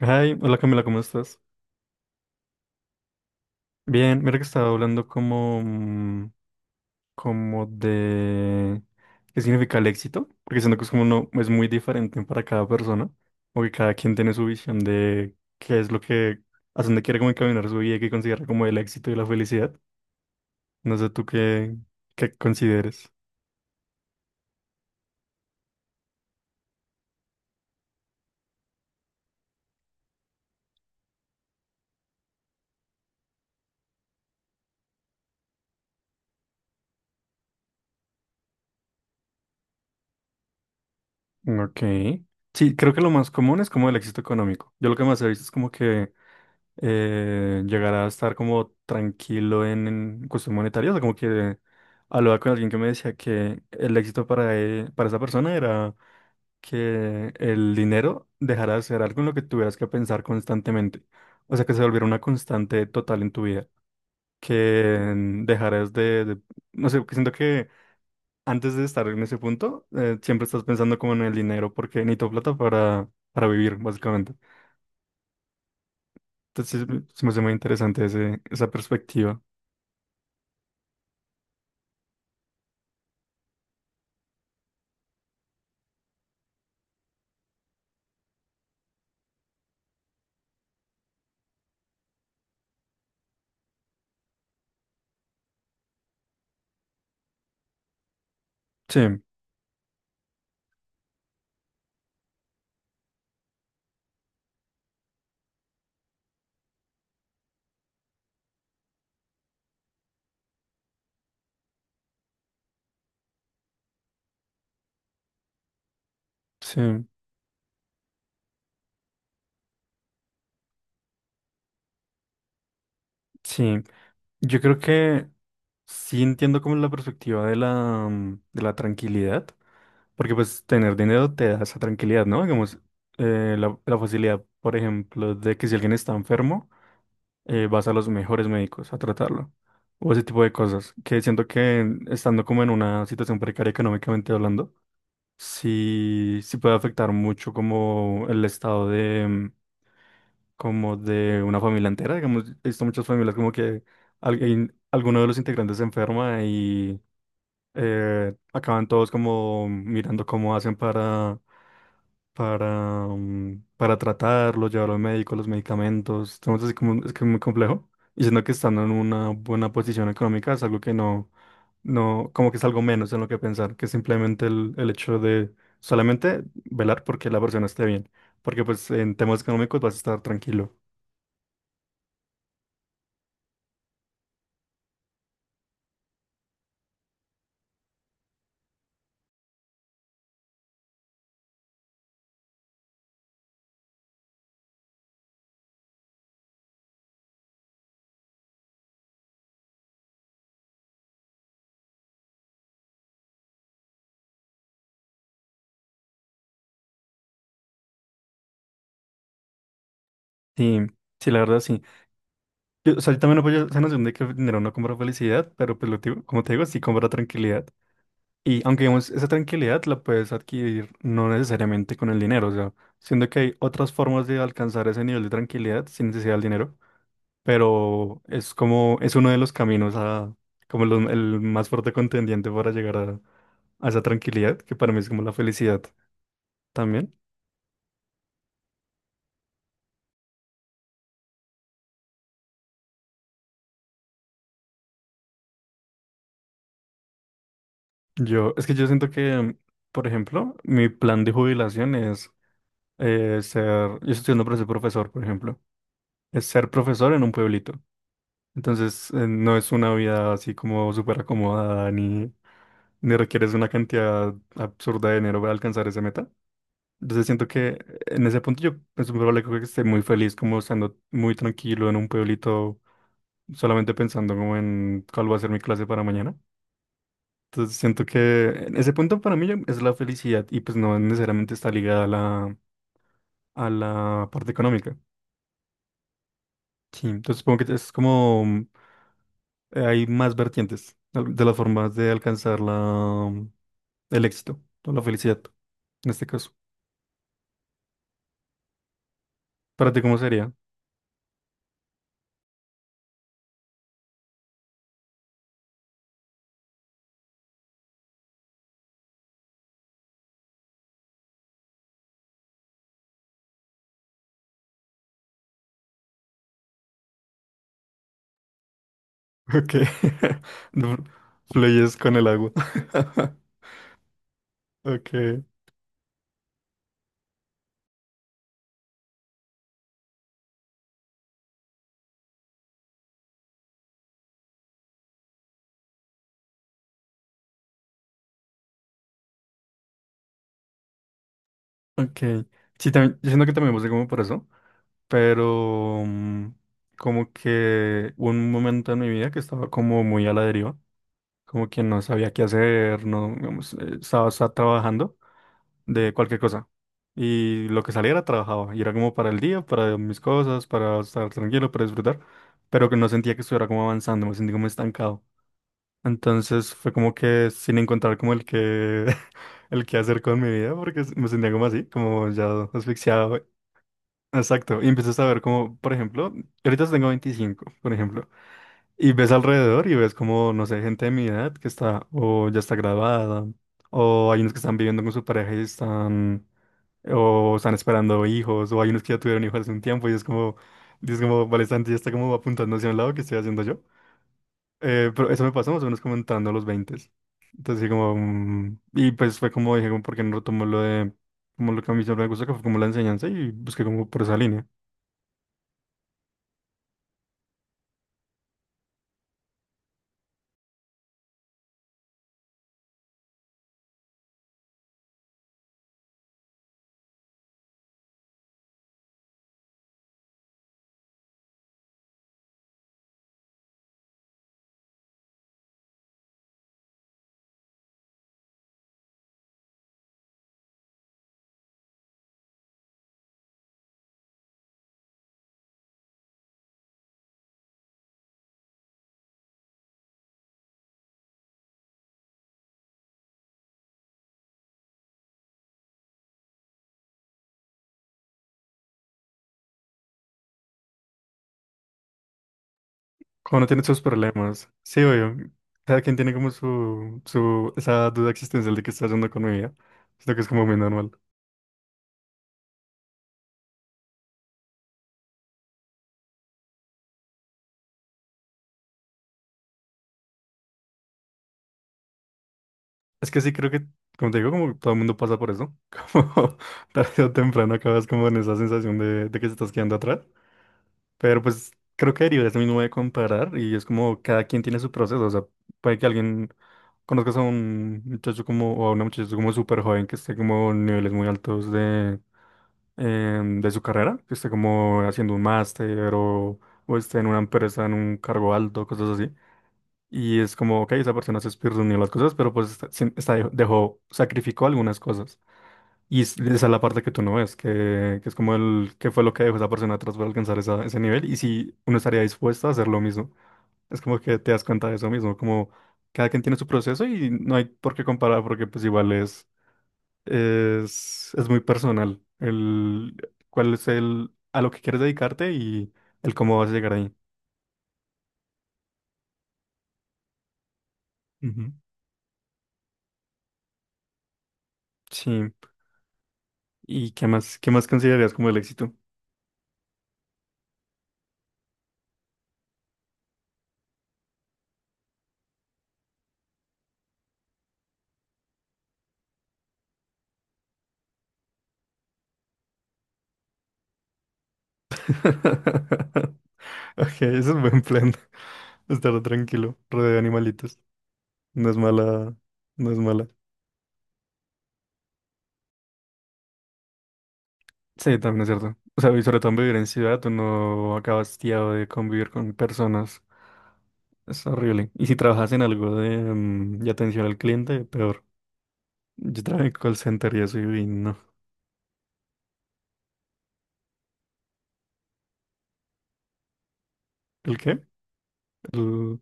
Ay, hola Camila, ¿cómo estás? Bien, mira que estaba hablando como de qué significa el éxito, porque siento que es como no, es muy diferente para cada persona, porque cada quien tiene su visión de qué es lo que, hacia dónde quiere como encaminar su vida y qué considera como el éxito y la felicidad. No sé tú qué, qué consideres. Ok. Sí, creo que lo más común es como el éxito económico. Yo lo que más he visto es como que llegar a estar como tranquilo en cuestión monetaria. O sea, como que hablaba con alguien que me decía que el éxito para esa persona era que el dinero dejara de ser algo en lo que tuvieras que pensar constantemente. O sea, que se volviera una constante total en tu vida. Que mm, dejaras de- No sé, que siento que antes de estar en ese punto, siempre estás pensando como en el dinero, porque necesito plata para vivir, básicamente. Entonces, sí, se me hace muy interesante esa perspectiva. Sí, sí, sí. Yo creo que sí entiendo como la perspectiva de de la tranquilidad, porque pues tener dinero te da esa tranquilidad, ¿no? Digamos, la facilidad, por ejemplo, de que si alguien está enfermo, vas a los mejores médicos a tratarlo, o ese tipo de cosas, que siento que estando como en una situación precaria económicamente hablando, sí, sí puede afectar mucho como el estado de como de una familia entera, digamos, he visto muchas familias como que alguien, alguno de los integrantes se enferma y acaban todos como mirando cómo hacen para tratarlo, llevarlo al médico, los medicamentos, estamos así como, es que es muy complejo, y siendo que estando en una buena posición económica es algo que no, no, como que es algo menos en lo que pensar, que simplemente el hecho de solamente velar porque la persona esté bien. Porque pues en temas económicos vas a estar tranquilo. Sí, sí, la verdad sí. Yo, o sea, yo también apoyo esa noción de que el dinero no compra felicidad, pero pues lo digo- como te digo, sí compra tranquilidad. Y aunque digamos, esa tranquilidad la puedes adquirir no necesariamente con el dinero, o sea, siendo que hay otras formas de alcanzar ese nivel de tranquilidad sin necesidad del dinero, pero es como, es uno de los caminos a, como los- el más fuerte contendiente para llegar a esa tranquilidad, que para mí es como la felicidad también. Yo, es que yo siento que, por ejemplo, mi plan de jubilación es yo estoy estudiando para ser profesor, por ejemplo, es ser profesor en un pueblito. Entonces, no es una vida así como súper acomodada, ni, ni requieres una cantidad absurda de dinero para alcanzar esa meta. Entonces, siento que en ese punto yo es muy probable que esté muy feliz, como estando muy tranquilo en un pueblito, solamente pensando como en cuál va a ser mi clase para mañana. Entonces, siento que en ese punto para mí ya es la felicidad y pues no necesariamente está ligada a a la parte económica. Sí, entonces supongo que es como hay más vertientes de las formas de alcanzar mm, el éxito o la felicidad en este caso. ¿Para ti cómo sería? Ok. No, fluyes con el agua. Ok, ok. Sí, también, yo siento que también pasé como por eso, pero como que hubo un momento en mi vida que estaba como muy a la deriva, como que no sabía qué hacer, no, digamos, estaba trabajando de cualquier cosa. Y lo que saliera trabajaba. Y era como para el día, para mis cosas, para estar tranquilo, para disfrutar. Pero que no sentía que estuviera como avanzando, me sentí como estancado. Entonces fue como que sin encontrar como el que, el que hacer con mi vida, porque me sentía como así, como ya asfixiado. Exacto. Y empiezas a ver como, por ejemplo, ahorita tengo 25 por ejemplo. Y ves alrededor y ves como, no sé, gente de mi edad que está o ya está graduada, o hay unos que están viviendo con su pareja y están o están esperando hijos, o hay unos que ya tuvieron hijos hace un tiempo y es como, vale, Santi ya está como apuntando hacia un lado que estoy haciendo yo. Pero eso me pasó más o menos como entrando a los 20. Entonces, sí, como, y pues fue como dije, como, ¿por qué no retomo lo de, como lo que a mí siempre me gusta, que fue como la enseñanza y busqué como por esa línea. Cuando uno tiene sus problemas, sí, obvio, cada quien tiene como su, esa duda existencial de qué está haciendo con mi vida. Siento que es como muy normal. Es que sí, creo que, como te digo, como todo el mundo pasa por eso, como tarde o temprano acabas como en esa sensación de que se estás quedando atrás, pero pues creo que deriva de eso mismo de comparar y es como cada quien tiene su proceso, o sea, puede que alguien conozcas a un muchacho como, o a una muchacha como súper joven que esté como en niveles muy altos de, de su carrera, que esté como haciendo un máster o esté en una empresa en un cargo alto, cosas así. Y es como, ok, esa persona se speedrunió las cosas, pero pues dejó, sacrificó algunas cosas. Esa es la parte que tú no ves, que es como el, qué fue lo que dejó esa persona atrás para alcanzar ese nivel y si uno estaría dispuesto a hacer lo mismo. Es como que te das cuenta de eso mismo, como cada quien tiene su proceso y no hay por qué comparar porque pues igual es muy personal el cuál es el, a lo que quieres dedicarte y el cómo vas a llegar ahí. Ujú. Sí. ¿Y qué más considerarías como el éxito? Ok, ese es buen plan. Estar tranquilo, rodeado de animalitos. No es mala, no es mala. Sí, también es cierto. O sea, y sobre todo en vivir en ciudad, tú no acabas tiado de convivir con personas. Es horrible. Y si trabajas en algo de, de atención al cliente, peor. Yo trabajé en call center y eso y no. ¿El qué? El-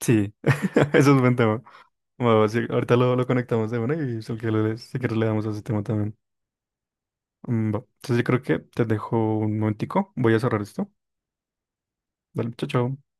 Sí, eso es buen tema. Bueno, sí, ahorita lo conectamos de una y si quieres le si quieres le damos a ese tema también. Mm, va. Entonces yo creo que te dejo un momentico. Voy a cerrar esto. Dale, chao, chao.